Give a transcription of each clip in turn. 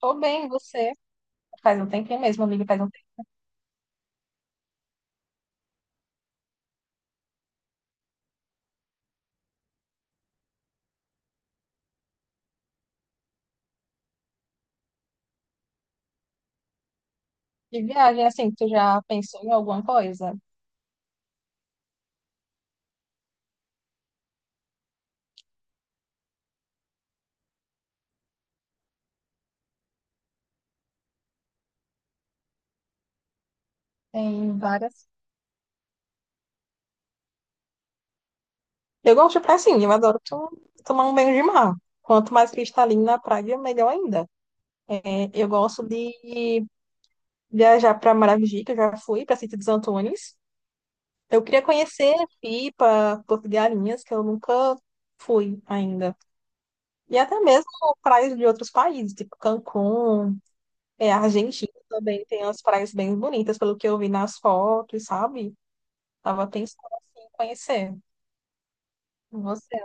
Tô bem, você? Faz um tempinho mesmo, amiga, faz um tempo de viagem, assim, tu já pensou em alguma coisa? Tem várias. Eu gosto de praia, sim, eu adoro tomar um banho de mar. Quanto mais cristalino na praia, melhor ainda. É, eu gosto de viajar para Maragogi, que eu já fui, para Sítio dos Antônios. Eu queria conhecer Pipa, Porto de Galinhas, que eu nunca fui ainda. E até mesmo praias de outros países, tipo Cancún. É, a Argentina também tem umas praias bem bonitas, pelo que eu vi nas fotos, sabe? Tava pensando assim, em conhecer. Você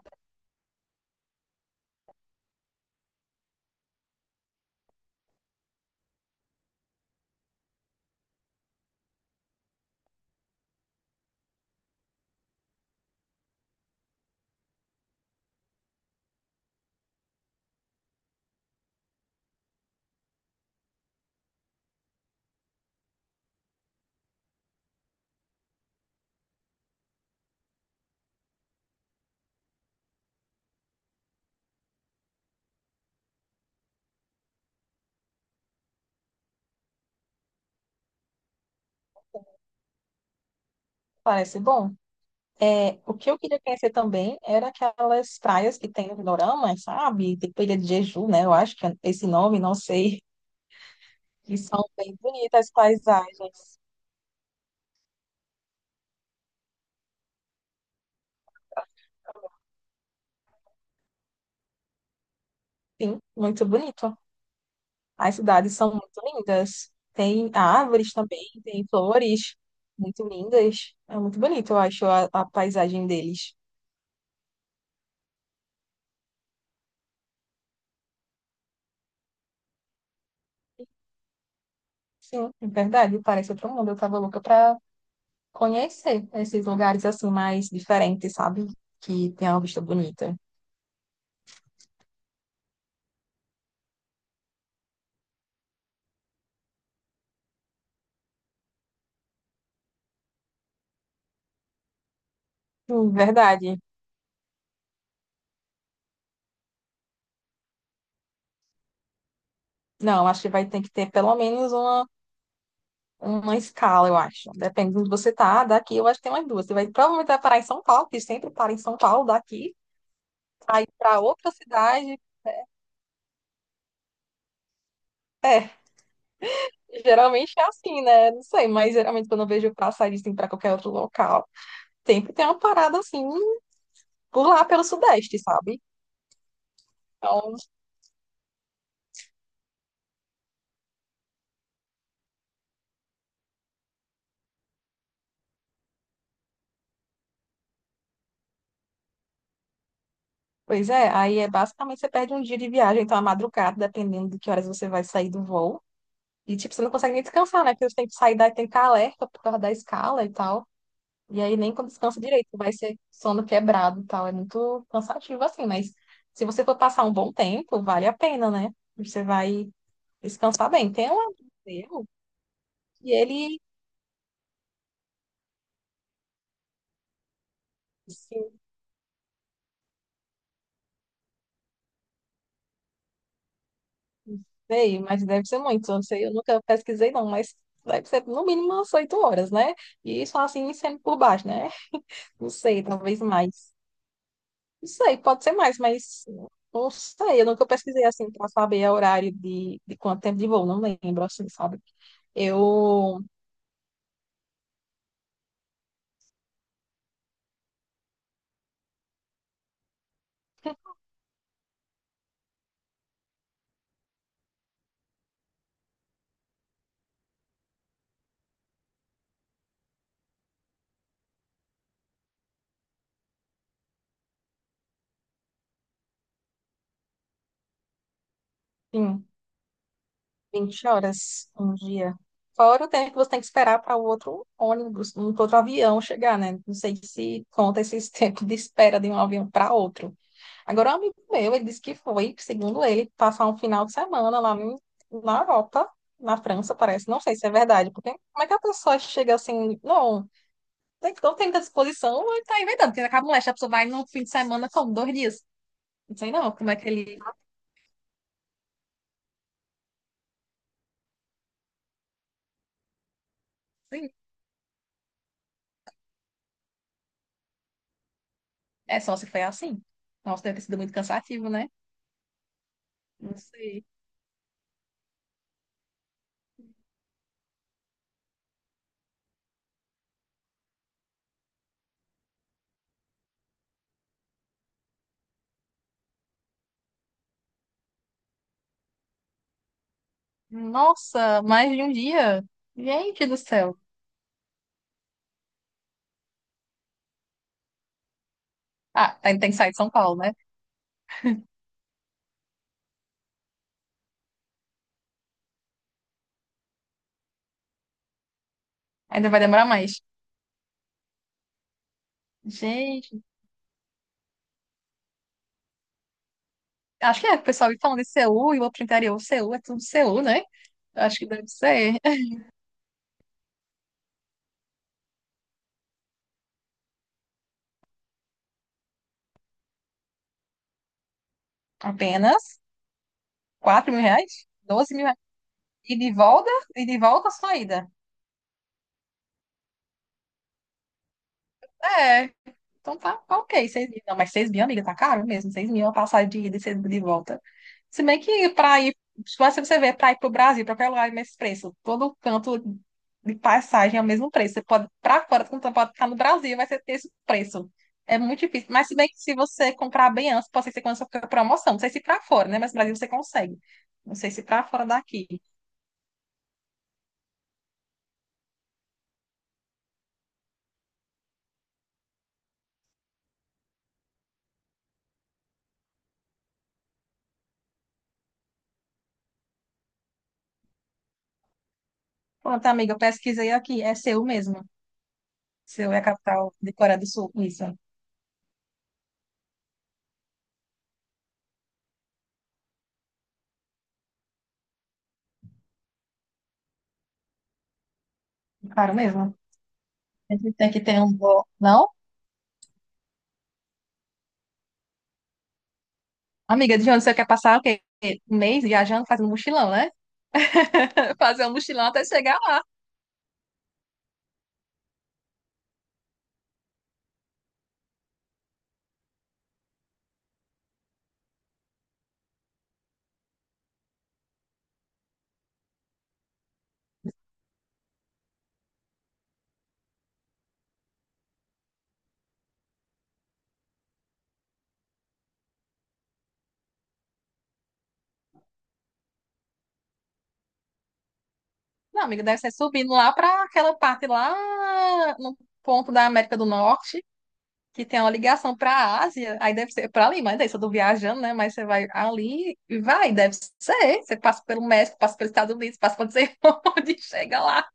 parece bom. É, o que eu queria conhecer também era aquelas praias que tem no Dorama, sabe? Tem Ilha de Jeju, né? Eu acho que é esse nome, não sei. E são bem bonitas as paisagens. Sim, muito bonito. As cidades são muito lindas. Tem árvores também, tem flores muito lindas. É muito bonito, eu acho, a paisagem deles. Sim, é verdade, parece outro mundo. Eu tava louca pra conhecer esses lugares assim mais diferentes, sabe? Que tem uma vista bonita. Sim, verdade. Não, acho que vai ter que ter pelo menos uma escala, eu acho. Depende de onde você tá, daqui eu acho que tem umas duas. Você vai provavelmente vai parar em São Paulo, que sempre para em São Paulo, daqui, aí pra outra cidade. É, geralmente é assim, né? Não sei, mas geralmente quando eu vejo passar assim pra qualquer outro local, sempre tem uma parada assim, por lá pelo Sudeste, sabe? Então, pois é, aí é basicamente você perde um dia de viagem, então a madrugada, dependendo de que horas você vai sair do voo. E tipo, você não consegue nem descansar, né? Porque você tem que sair daí, tem que ficar alerta por causa da escala e tal. E aí nem quando descansa direito, vai ser sono quebrado e tal. É muito cansativo assim, mas se você for passar um bom tempo, vale a pena, né? Você vai descansar bem. Tem um amigo meu e ele, sim, sei, mas deve ser muito. Eu não sei, eu nunca pesquisei não, mas deve ser no mínimo umas 8 horas, né? E só assim, sendo por baixo, né? Não sei, talvez mais. Não sei, pode ser mais, mas não sei. Eu nunca pesquisei assim para saber o horário de quanto tempo de voo, não lembro, assim, sabe? Eu, sim, 20 horas um dia. Fora o tempo que você tem que esperar para o outro ônibus, um outro avião chegar, né? Não sei se conta esses tempos de espera de um avião para outro. Agora, um amigo meu, ele disse que foi, segundo ele, passar um final de semana na Europa, na França, parece. Não sei se é verdade, porque como é que a pessoa chega assim, não. Então tem muita disposição, ele tá inventando, porque acaba molesta, a pessoa vai num fim de semana como 2 dias. Não sei não, como é que ele. Sim. É só se foi assim. Nossa, deve ter sido muito cansativo, né? Não sei. Nossa, mais de um dia. Gente do céu. Ah, ainda tem que sair de São Paulo, né? Ainda vai demorar mais. Gente, acho que é, o pessoal falando de Seul e o outro interior. Seul é tudo Seul, né? Acho que deve ser. Apenas 4 mil reais? 12 mil reais. E de volta? E de volta a saída. É. Então tá, tá ok, 6 mil. Não, mas 6 mil, amiga, tá caro mesmo. Seis mil é uma passagem de ida e 6 mil de volta. Se bem que pra ir, se você vê pra ir pro Brasil, pra qualquer lugar, é o mesmo preço. Todo canto de passagem é o mesmo preço. Você pode ir pra fora, quando você pode ficar no Brasil, vai ser esse preço. É muito difícil. Mas se bem que se você comprar bem antes, pode ser que você consiga com promoção. Não sei se pra fora, né? Mas no Brasil você consegue. Não sei se pra fora daqui. Pronto, amiga, eu pesquisei aqui. É Seul mesmo. Seul é a capital de Coreia do Sul. Isso. Claro mesmo. A gente tem que ter um bom. Não? Amiga, de onde você quer passar o quê? 1 mês viajando, fazendo mochilão, né? Fazer um mochilão até chegar lá. Não, amiga, deve ser subindo lá para aquela parte lá no ponto da América do Norte, que tem uma ligação para a Ásia. Aí deve ser para ali, mas daí eu tô viajando, né? Mas você vai ali e vai, deve ser. Você passa pelo México, passa pelos Estados Unidos, passa por não sei onde, chega lá.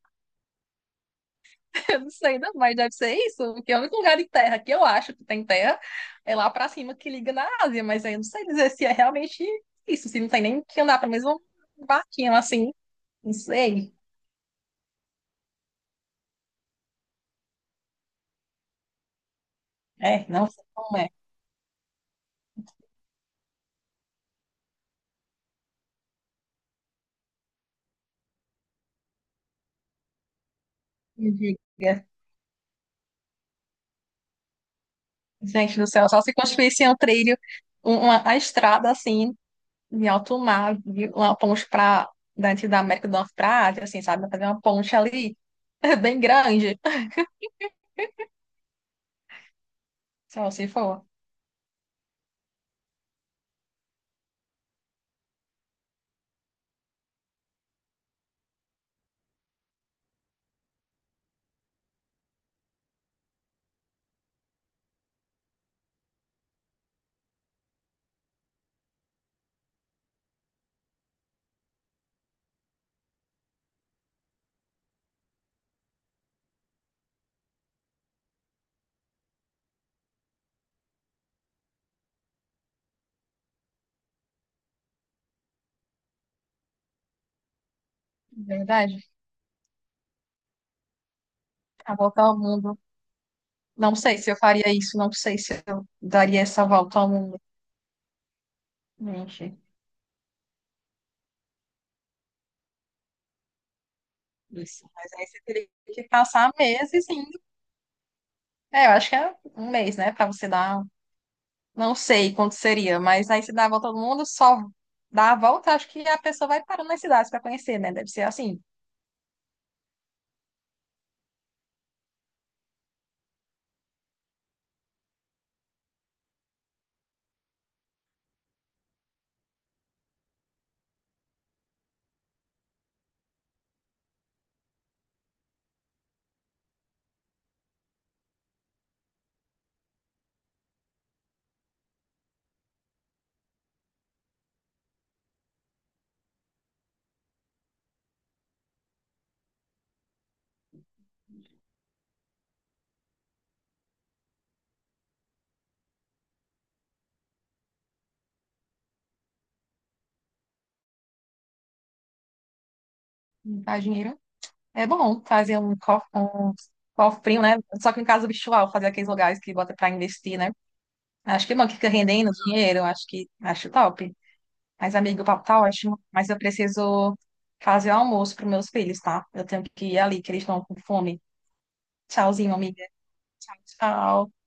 Eu não sei, não, mas deve ser isso, porque é o único lugar de terra que eu acho que tem terra é lá pra cima que liga na Ásia, mas aí eu não sei dizer se é realmente isso, se não tem nem que andar pra mesma barquinha assim, não sei. É, não sei como é. Me diga. Gente do céu, só se construísse um trilho, a estrada assim, de alto mar, de uma ponte pra, dentro da América do Norte pra Ásia, assim, sabe? Fazer uma ponte ali, bem grande, só se for, de verdade, pra voltar ao mundo. Não sei se eu faria isso, não sei se eu daria essa volta ao mundo. Gente, isso. Mas aí você teria que passar meses sim. É, eu acho que é 1 mês, né? Pra você dar. Não sei quanto seria, mas aí você dá a volta ao mundo, só dá a volta, acho que a pessoa vai parando nas cidades pra conhecer, né? Deve ser assim. Não. Dá dinheiro. É bom fazer um cofrinho, né? Só que em casa virtual, fazer aqueles lugares que bota pra investir, né? Acho que é bom que fica rendendo dinheiro, acho que acho top. Mas, amigo, o papo tá ótimo, mas eu preciso fazer o almoço pros meus filhos, tá? Eu tenho que ir ali, que eles estão com fome. Tchauzinho, amiga. Tchau, tchau.